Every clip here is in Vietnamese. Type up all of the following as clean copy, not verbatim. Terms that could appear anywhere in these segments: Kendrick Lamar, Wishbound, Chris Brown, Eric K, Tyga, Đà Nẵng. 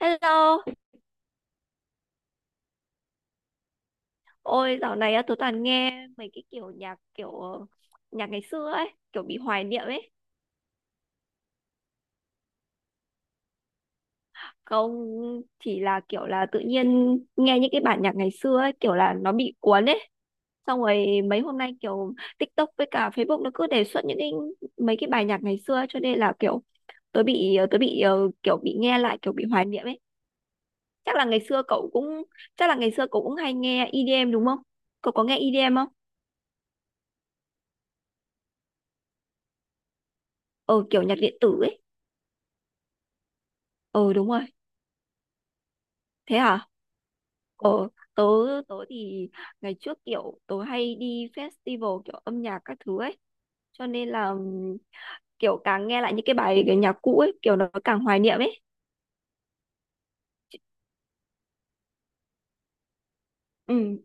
Hello, ôi dạo này á, tớ toàn nghe mấy cái kiểu nhạc kiểu nhạc ngày xưa ấy, kiểu bị hoài niệm ấy. Không, chỉ là kiểu là tự nhiên nghe những cái bản nhạc ngày xưa ấy, kiểu là nó bị cuốn ấy. Xong rồi mấy hôm nay kiểu TikTok với cả Facebook nó cứ đề xuất những cái mấy cái bài nhạc ngày xưa ấy, cho nên là kiểu tớ bị ờ, tớ bị ờ, kiểu bị nghe lại kiểu bị hoài niệm ấy. Chắc là ngày xưa cậu cũng Chắc là ngày xưa cậu cũng hay nghe EDM đúng không? Cậu có nghe EDM không? Ờ kiểu nhạc điện tử ấy. Ờ đúng rồi. Thế hả? ờ tớ tớ thì ngày trước kiểu tớ hay đi festival kiểu âm nhạc các thứ ấy cho nên là kiểu càng nghe lại những cái bài cái nhạc cũ ấy kiểu nó càng hoài niệm ấy. Ừ.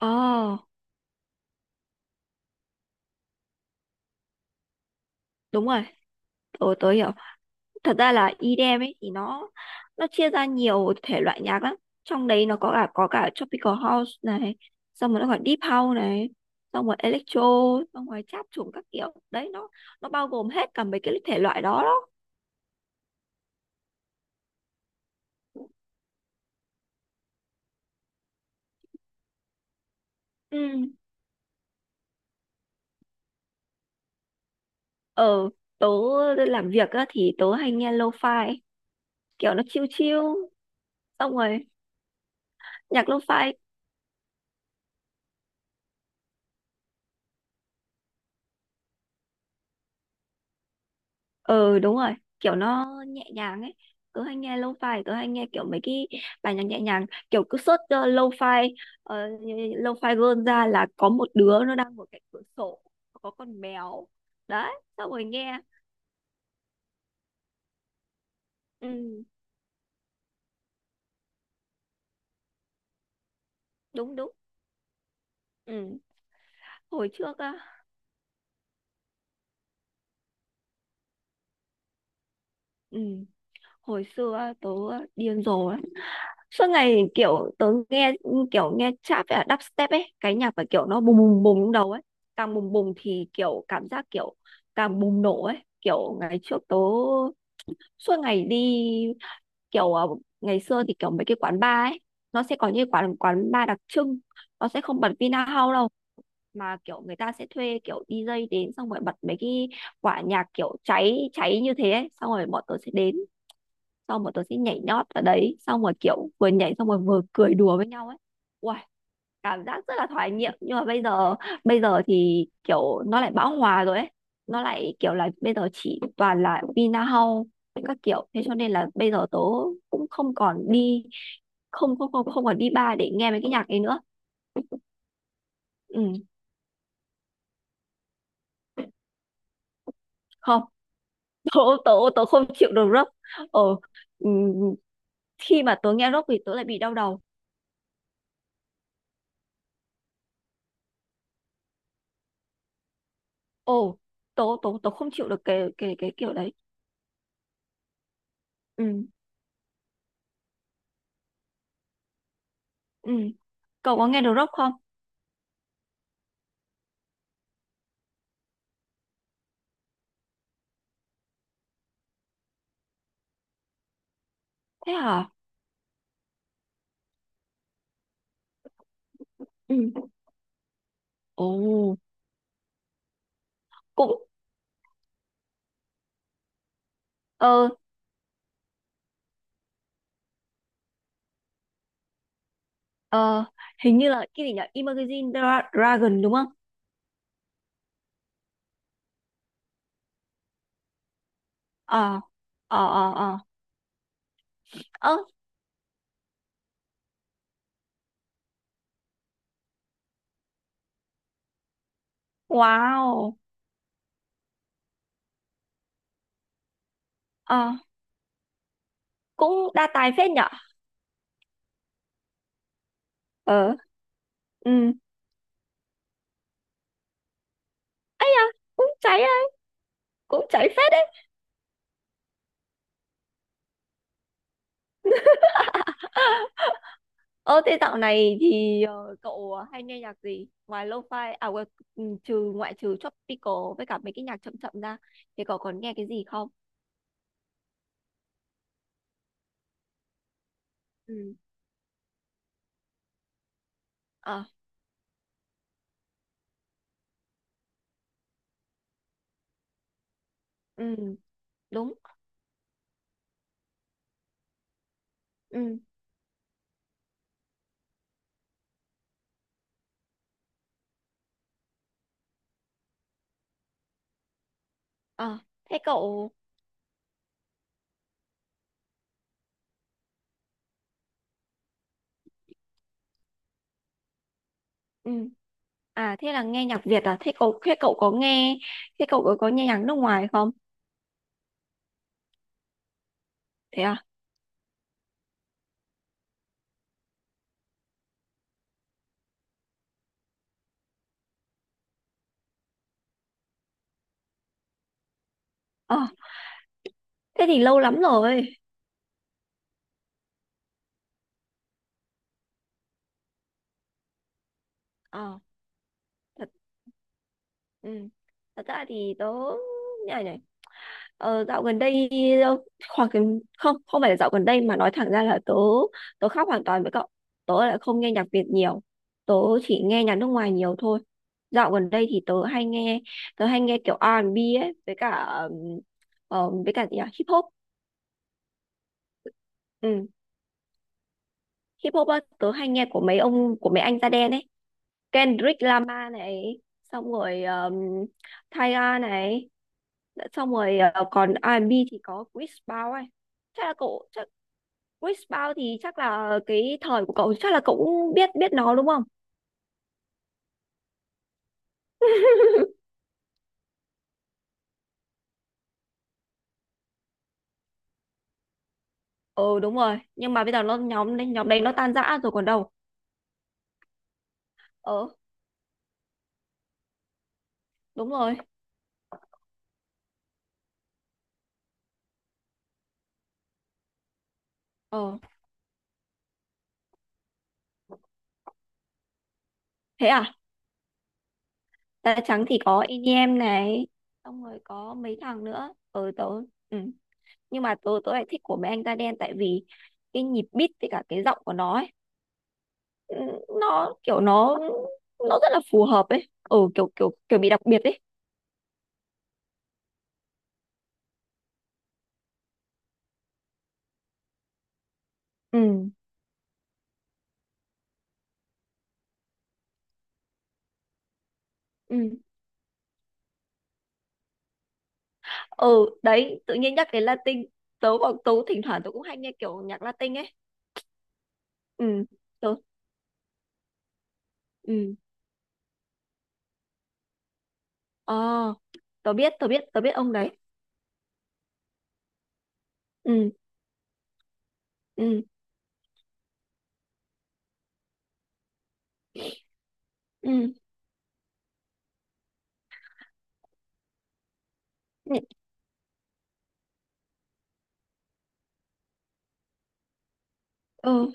Ồ, đúng rồi, tôi hiểu. Thật ra là EDM ấy thì nó chia ra nhiều thể loại nhạc lắm. Trong đấy nó có cả tropical house này, xong rồi nó gọi deep house này, xong rồi electro, xong rồi trap trùng các kiểu. Đấy nó bao gồm hết cả mấy cái thể loại đó đó. Ừ. ở tớ làm việc á, thì tớ hay nghe lo-fi, kiểu nó chill chill, xong rồi nhạc lo-fi, ờ đúng rồi, kiểu nó nhẹ nhàng ấy. Tớ hay nghe lo-fi, tớ hay nghe kiểu mấy cái bài nhạc nhẹ nhàng, kiểu cứ search lo-fi, ờ, lo-fi girl ra là có một đứa nó đang ngồi cạnh cửa sổ, có con mèo, đấy, xong rồi nghe, ừ, đúng đúng, ừ. Hồi trước á, ừ, hồi xưa á, tớ điên rồ suốt ngày kiểu tớ nghe kiểu nghe trap và đắp step ấy cái nhạc phải kiểu nó bùng bùng bùng trong đầu ấy, càng bùng bùng thì kiểu cảm giác kiểu càng bùng nổ ấy kiểu ngày trước tớ suốt ngày đi kiểu ngày xưa thì kiểu mấy cái quán bar ấy nó sẽ có những quán quán bar đặc trưng, nó sẽ không bật Vinahouse đâu mà kiểu người ta sẽ thuê kiểu đi DJ đến xong rồi bật mấy cái quả nhạc kiểu cháy cháy như thế ấy. Xong rồi bọn tớ sẽ đến xong bọn tôi sẽ nhảy nhót ở đấy xong rồi kiểu vừa nhảy xong rồi vừa cười đùa với nhau ấy. Uầy, cảm giác rất là thoải nghiệm nhưng mà bây giờ thì kiểu nó lại bão hòa rồi ấy, nó lại kiểu là bây giờ chỉ toàn là Vinahall với các kiểu thế cho nên là bây giờ tớ cũng không còn đi, không không không không còn đi bar để nghe mấy cái nhạc ấy nữa. Ừ không. tớ tớ tớ không chịu được rock. Ờ ừ, khi mà tớ nghe rock thì tớ lại bị đau đầu. Ồ tớ tớ tớ không chịu được cái cái kiểu đấy. Ừ ừ. Cậu có nghe được rock không? Thế hả? Ừ. Ồ. cũng ờ ờ. Hình như là cái gì nhỉ? Dragon đúng không? Ờ ờ ờ ờ. Ơ wow. Ờ cũng đa tài phết nhở. Ờ ừ cũng cháy á, cũng cháy phết đấy. Ờ thế dạo này thì cậu hay nghe nhạc gì ngoài lo-fi, à quên, ừ, trừ, ngoại trừ tropical với cả mấy cái nhạc chậm chậm ra thì cậu còn nghe cái gì không? Ừ ờ ừ đúng ừ. Ờ thế cậu. Ừ. À thế là nghe nhạc Việt à? Thế cậu có, nghe thế cậu có nghe nhạc nước ngoài không? Thế à? Ờ thế thì lâu lắm rồi. Ờ thật. Ừ. Thật ra thì tớ. Này này. Ờ, dạo gần đây, hoặc không, không phải là dạo gần đây mà nói thẳng ra là tớ tớ khác hoàn toàn với cậu. Tớ lại không nghe nhạc Việt nhiều, tớ chỉ nghe nhạc nước ngoài nhiều thôi. Dạo gần đây thì tớ hay nghe kiểu R&B ấy với cả với cả gì nhỉ? Hip hop. Ừ. Hip hop á, tớ hay nghe của mấy anh da đen ấy. Kendrick Lamar này, xong rồi Tyga này, xong rồi còn R&B thì có Chris Brown ấy. Chắc là cậu chắc Wishbound thì chắc là cái thời của cậu, chắc là cậu cũng biết biết nó đúng không? Ừ đúng rồi, nhưng mà bây giờ nó, nhóm đấy nó tan rã rồi còn đâu. Ờ đúng rồi. Ờ thế à? Da trắng thì có EDM này, xong rồi có mấy thằng nữa. Ờ tớ ừ. Nhưng mà tớ tớ lại thích của mấy anh da đen tại vì cái nhịp beat với cả cái giọng của nó ấy, ừ, nó kiểu nó rất là phù hợp ấy. Ừ kiểu kiểu kiểu bị đặc biệt ấy. Ừ. Ừ. Ừ đấy tự nhiên nhắc đến Latin, tớ bọn tớ thỉnh thoảng tớ cũng hay nghe kiểu nhạc Latin ấy. Ừ tớ ừ. Ờ tớ biết ông đấy. Ừ ừ ừ ừ ừ.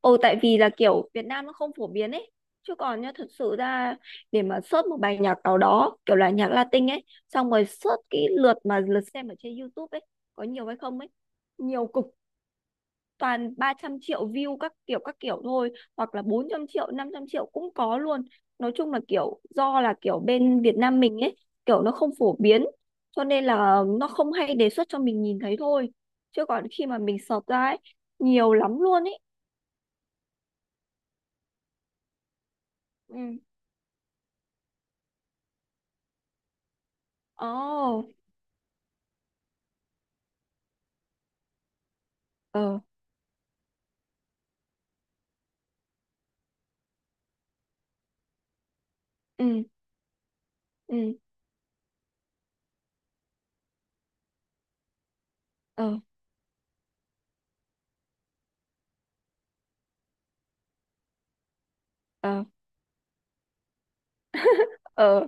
Ồ, tại vì là kiểu Việt Nam nó không phổ biến ấy, chứ còn nhá thực sự ra, để mà search một bài nhạc nào đó kiểu là nhạc Latin ấy, xong rồi search cái lượt mà lượt xem ở trên YouTube ấy có nhiều hay không ấy, nhiều cực, toàn 300 triệu view các kiểu thôi, hoặc là 400 triệu, 500 triệu cũng có luôn. Nói chung là kiểu do là kiểu bên Việt Nam mình ấy kiểu nó không phổ biến cho nên là nó không hay đề xuất cho mình nhìn thấy thôi, chứ còn khi mà mình search ra ấy nhiều lắm luôn ấy. Ừ. Ồ. Ờ. Ừ. Ừ. Ờ. Ờ ờ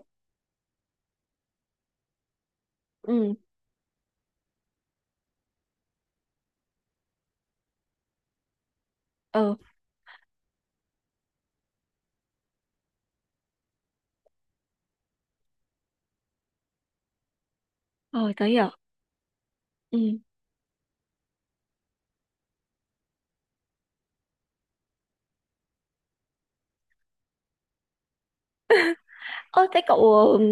Ừ. Ờ ờ tớ hiểu. Ừ. Ơ thế cậu ừm,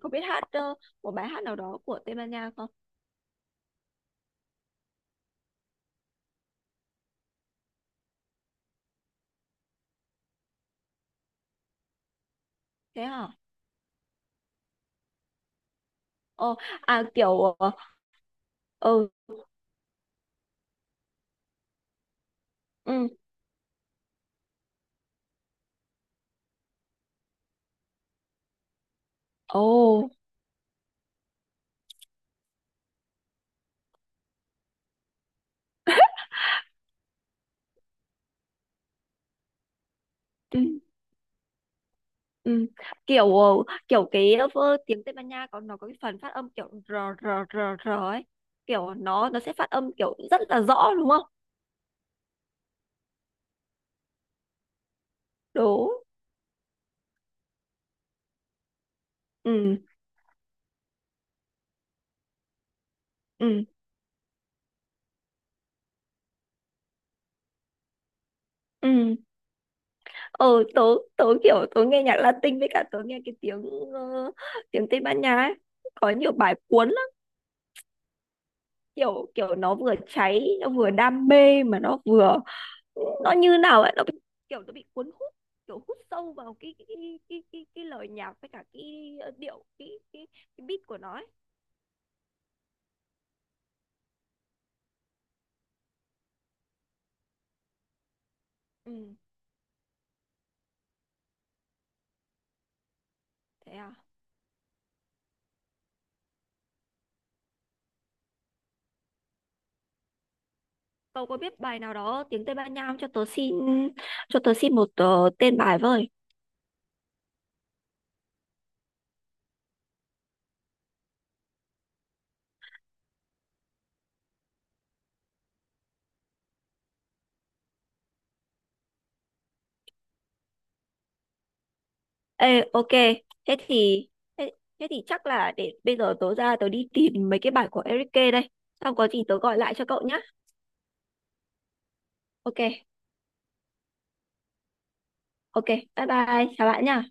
có biết hát một bài hát nào đó của Tây Ban Nha không? Thế hả? Ồ. À kiểu ừ. Ừ. Ồ. Ừ, ừ. Kiểu kiểu cái tiếng Tây Ban Nha có, nó có cái phần phát âm kiểu r r r r ấy, kiểu nó sẽ phát âm kiểu rất là rõ đúng không? Đúng. Ừ ừ ừ. Ờ tớ, tớ kiểu tớ nghe nhạc Latin với cả tớ nghe cái tiếng ờ, tiếng Tây Ban Nha ấy có nhiều bài cuốn lắm. Kiểu kiểu nó vừa cháy nó vừa đam mê mà nó vừa, nó như nào ấy nó bị, kiểu nó bị cuốn hút, kiểu hút sâu vào cái lời nhạc với cả cái điệu cái beat của nó ấy. Ừ, thế à? Cậu có biết bài nào đó tiếng Tây Ban Nha không cho tớ xin, cho tớ xin một tên bài với. Ê ok, thế thì, thế, thế thì chắc là để bây giờ tớ ra tớ đi tìm mấy cái bài của Eric K đây, xong có gì tớ gọi lại cho cậu nhá. Ok ok bye bye, chào bạn nha.